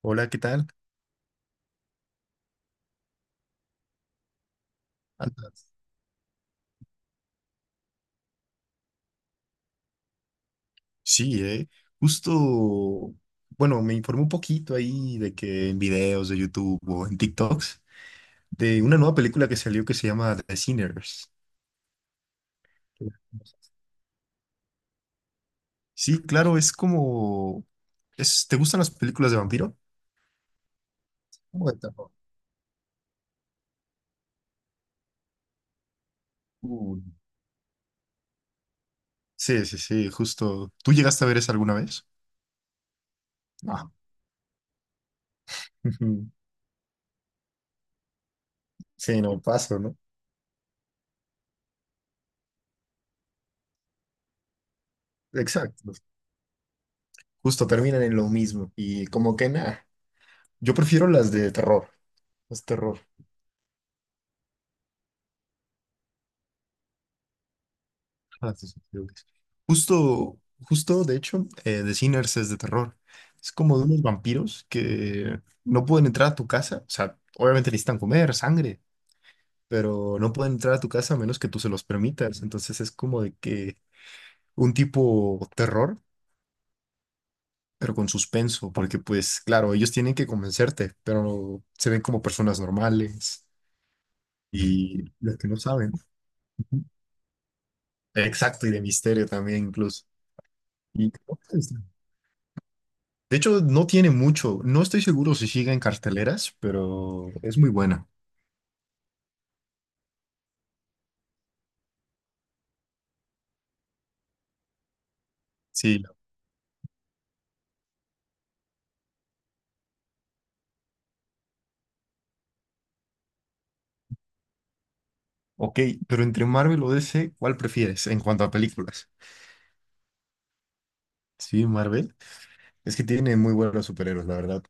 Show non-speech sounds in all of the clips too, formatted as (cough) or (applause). Hola, ¿qué tal? ¿Andas? Sí, Justo, bueno, me informé un poquito ahí de que en videos de YouTube o en TikToks de una nueva película que salió que se llama The Sinners. Sí, claro, es como... ¿te gustan las películas de vampiro? Como de terror. Uy. Sí, sí, sí, justo. ¿Tú llegaste a ver esa alguna vez? No. Ujú. Sí, no, paso, ¿no? Exacto. Justo terminan en lo mismo. Y como que nada. Yo prefiero las de terror, las terror. Ah, sí, sí, creo que sí. Justo, justo, de hecho, The Sinners es de terror. Es como de unos vampiros que no pueden entrar a tu casa. O sea, obviamente necesitan comer sangre, pero no pueden entrar a tu casa a menos que tú se los permitas. Entonces es como de que un tipo terror, pero con suspenso, porque pues claro, ellos tienen que convencerte, pero se ven como personas normales y los que no saben. Exacto, y de misterio también incluso. Y de hecho, no tiene mucho. No estoy seguro si sigue en carteleras, pero es muy buena. Sí. Ok, pero entre Marvel o DC, ¿cuál prefieres en cuanto a películas? Sí, Marvel. Es que tiene muy buenos superhéroes, la verdad.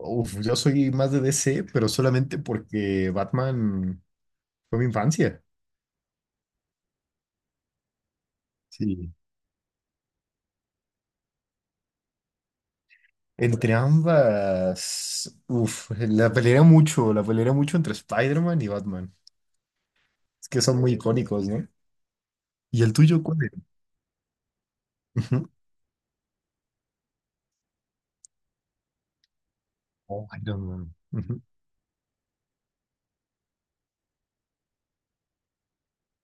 Uf, yo soy más de DC, pero solamente porque Batman fue mi infancia. Sí. Entre ambas, uf, la pelearía mucho entre Spider-Man y Batman. Es que son muy icónicos, ¿no? ¿Y el tuyo cuál es? Ujú. Oh, Iron Man. Ujú.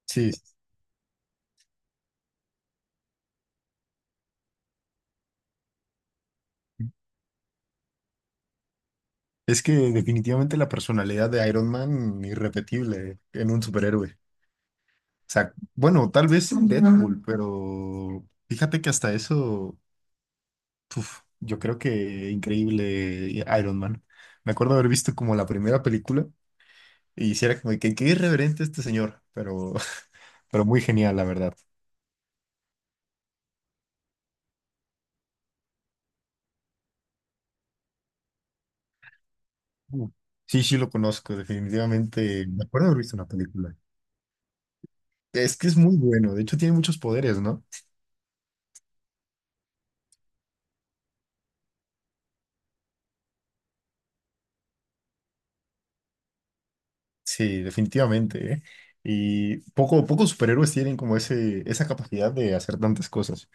Sí, sí, sí. Es que definitivamente la personalidad de Iron Man, irrepetible en un superhéroe. O sea, bueno, tal vez en Deadpool, pero fíjate que hasta eso, uf, yo creo que increíble Iron Man. Me acuerdo haber visto como la primera película y hiciera como de que qué irreverente este señor, pero, (laughs) pero muy genial, la verdad. Uh, Sí, sí lo conozco, definitivamente. Me acuerdo haber visto una película. Es que es muy bueno, de hecho tiene muchos poderes, ¿no? Sí, definitivamente, ¿eh? Y poco, pocos superhéroes tienen como ese, esa capacidad de hacer tantas cosas.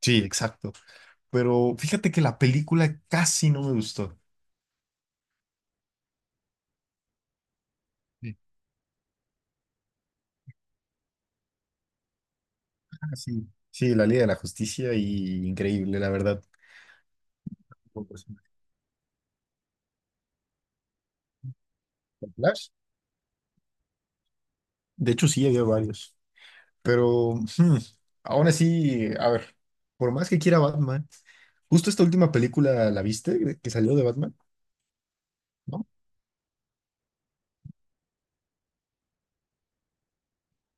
Sí, exacto. Pero fíjate que la película casi no me gustó. Sí. Ah, sí. Sí, la Liga de la Justicia y increíble, la verdad. Como personaje. Flash, de hecho, sí, había varios. Pero aún así, a ver, por más que quiera Batman, justo esta última película, ¿la viste? Que salió de Batman, ¿no? Ok,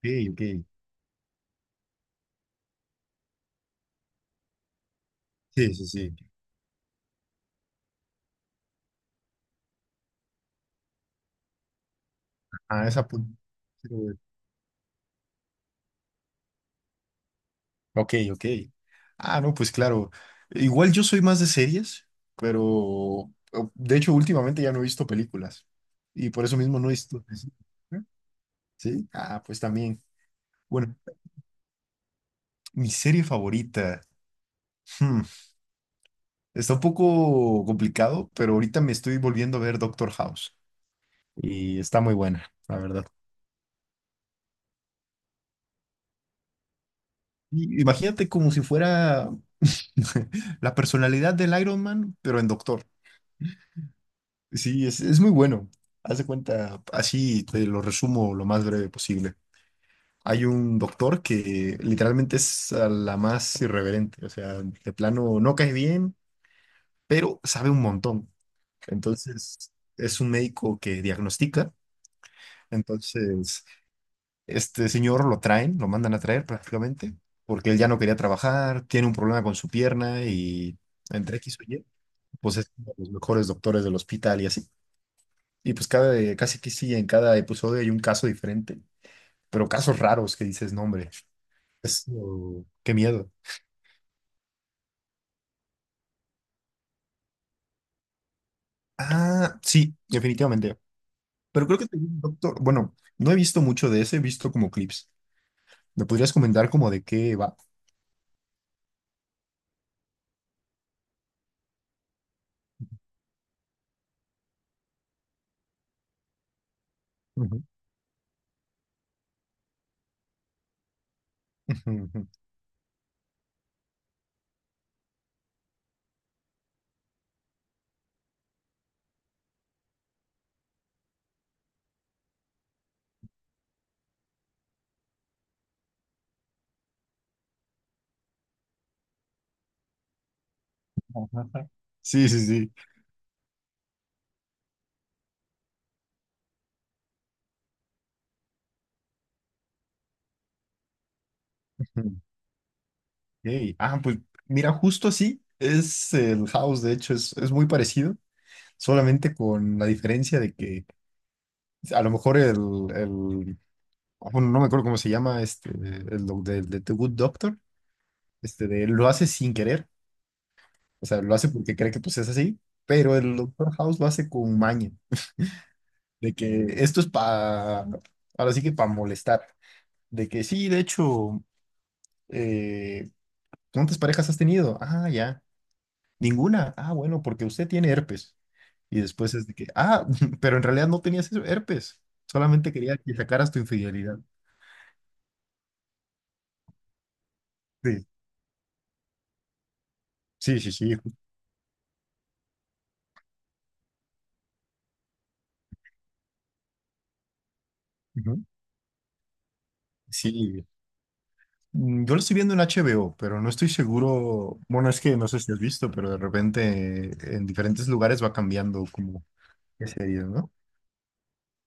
ok. Sí, sí, sí. Ah, Ok, ok. Ah, no, pues claro. Igual yo soy más de series, pero de hecho últimamente ya no he visto películas y por eso mismo no he visto. ¿Sí? Ah, pues también. Bueno, mi serie favorita. hmm, Está un poco complicado, pero ahorita me estoy volviendo a ver Doctor House y está muy buena, la verdad. Y imagínate como si fuera (laughs) la personalidad del Iron Man, pero en Doctor. Sí, es muy bueno. Haz de cuenta, así te lo resumo lo más breve posible. Hay un doctor que literalmente es a la más irreverente, o sea, de plano no cae bien, pero sabe un montón. Entonces, es un médico que diagnostica. Entonces, este señor lo traen, lo mandan a traer prácticamente, porque él ya no quería trabajar, tiene un problema con su pierna y entre X o Y, pues es uno de los mejores doctores del hospital y así. Y pues cada, casi que sí, en cada episodio hay un caso diferente, pero casos raros que dices, no, hombre, es, oh, qué miedo. Ah, sí, definitivamente. Pero creo que doctor, bueno, no he visto mucho de ese, he visto como clips. ¿Me podrías comentar como de qué va? Ujú. (laughs) Ujú, ujú. Ajá. Sí, sí, sí. Ujú. Ey, ah, pues mira, justo así es el House, de hecho, es muy parecido, solamente con la diferencia de que a lo mejor el, bueno, no me acuerdo cómo se llama, este, el de The Good Doctor, este, de, él lo hace sin querer, o sea, lo hace porque cree que pues es así, pero el Doctor House lo hace con maña, de que esto es para, ahora sí que para molestar, de que sí, de hecho, eh, ¿cuántas parejas has tenido? Ah, ya, ninguna, ah, bueno, porque usted tiene herpes, y después es de que, ah, (laughs) pero en realidad no tenías herpes, solamente quería que sacaras tu infidelidad. Sí, sí, sí, sí. Ujú. Sí, yo lo estoy viendo en HBO, pero no estoy seguro. Bueno, es que no sé si has visto, pero de repente en diferentes lugares va cambiando como qué series, ¿no?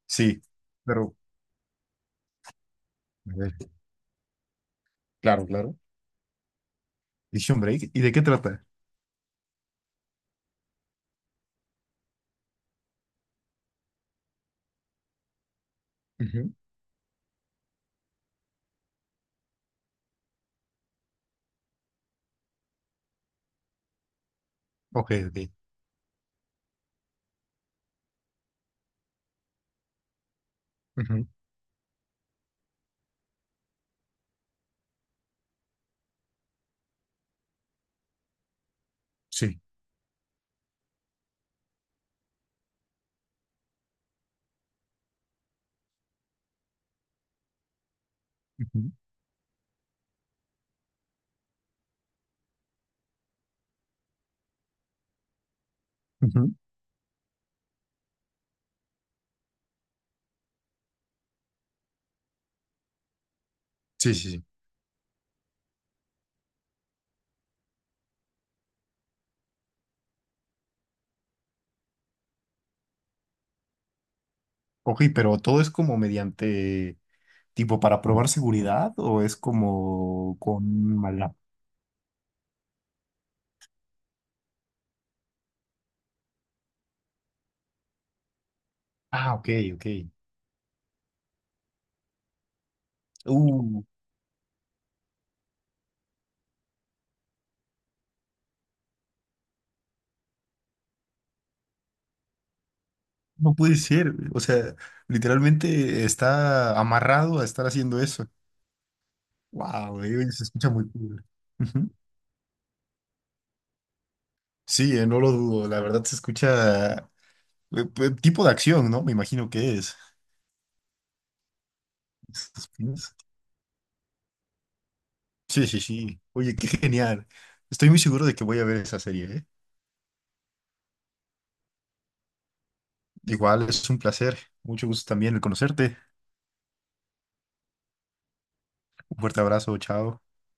Sí, pero a ver, claro, claro. Vision Break. ¿Y de qué trata? Ujú. Ok, ok. Ujú. Sí. Ujú. Ujú. Sí, sí, sí. Ok, pero todo es como mediante, tipo, para probar seguridad o es como con mala. Ah, ok, ok. Uh, no puede ser, güey. O sea, literalmente está amarrado a estar haciendo eso. Wow, se escucha muy cool. Ujú. Sí, no lo dudo, la verdad se escucha tipo de acción, ¿no? Me imagino que es. Suspense. Sí, sí, sí. Oye, qué genial. Estoy muy seguro de que voy a ver esa serie, ¿eh? Igual es un placer. Mucho gusto también el conocerte. Un fuerte abrazo, chao.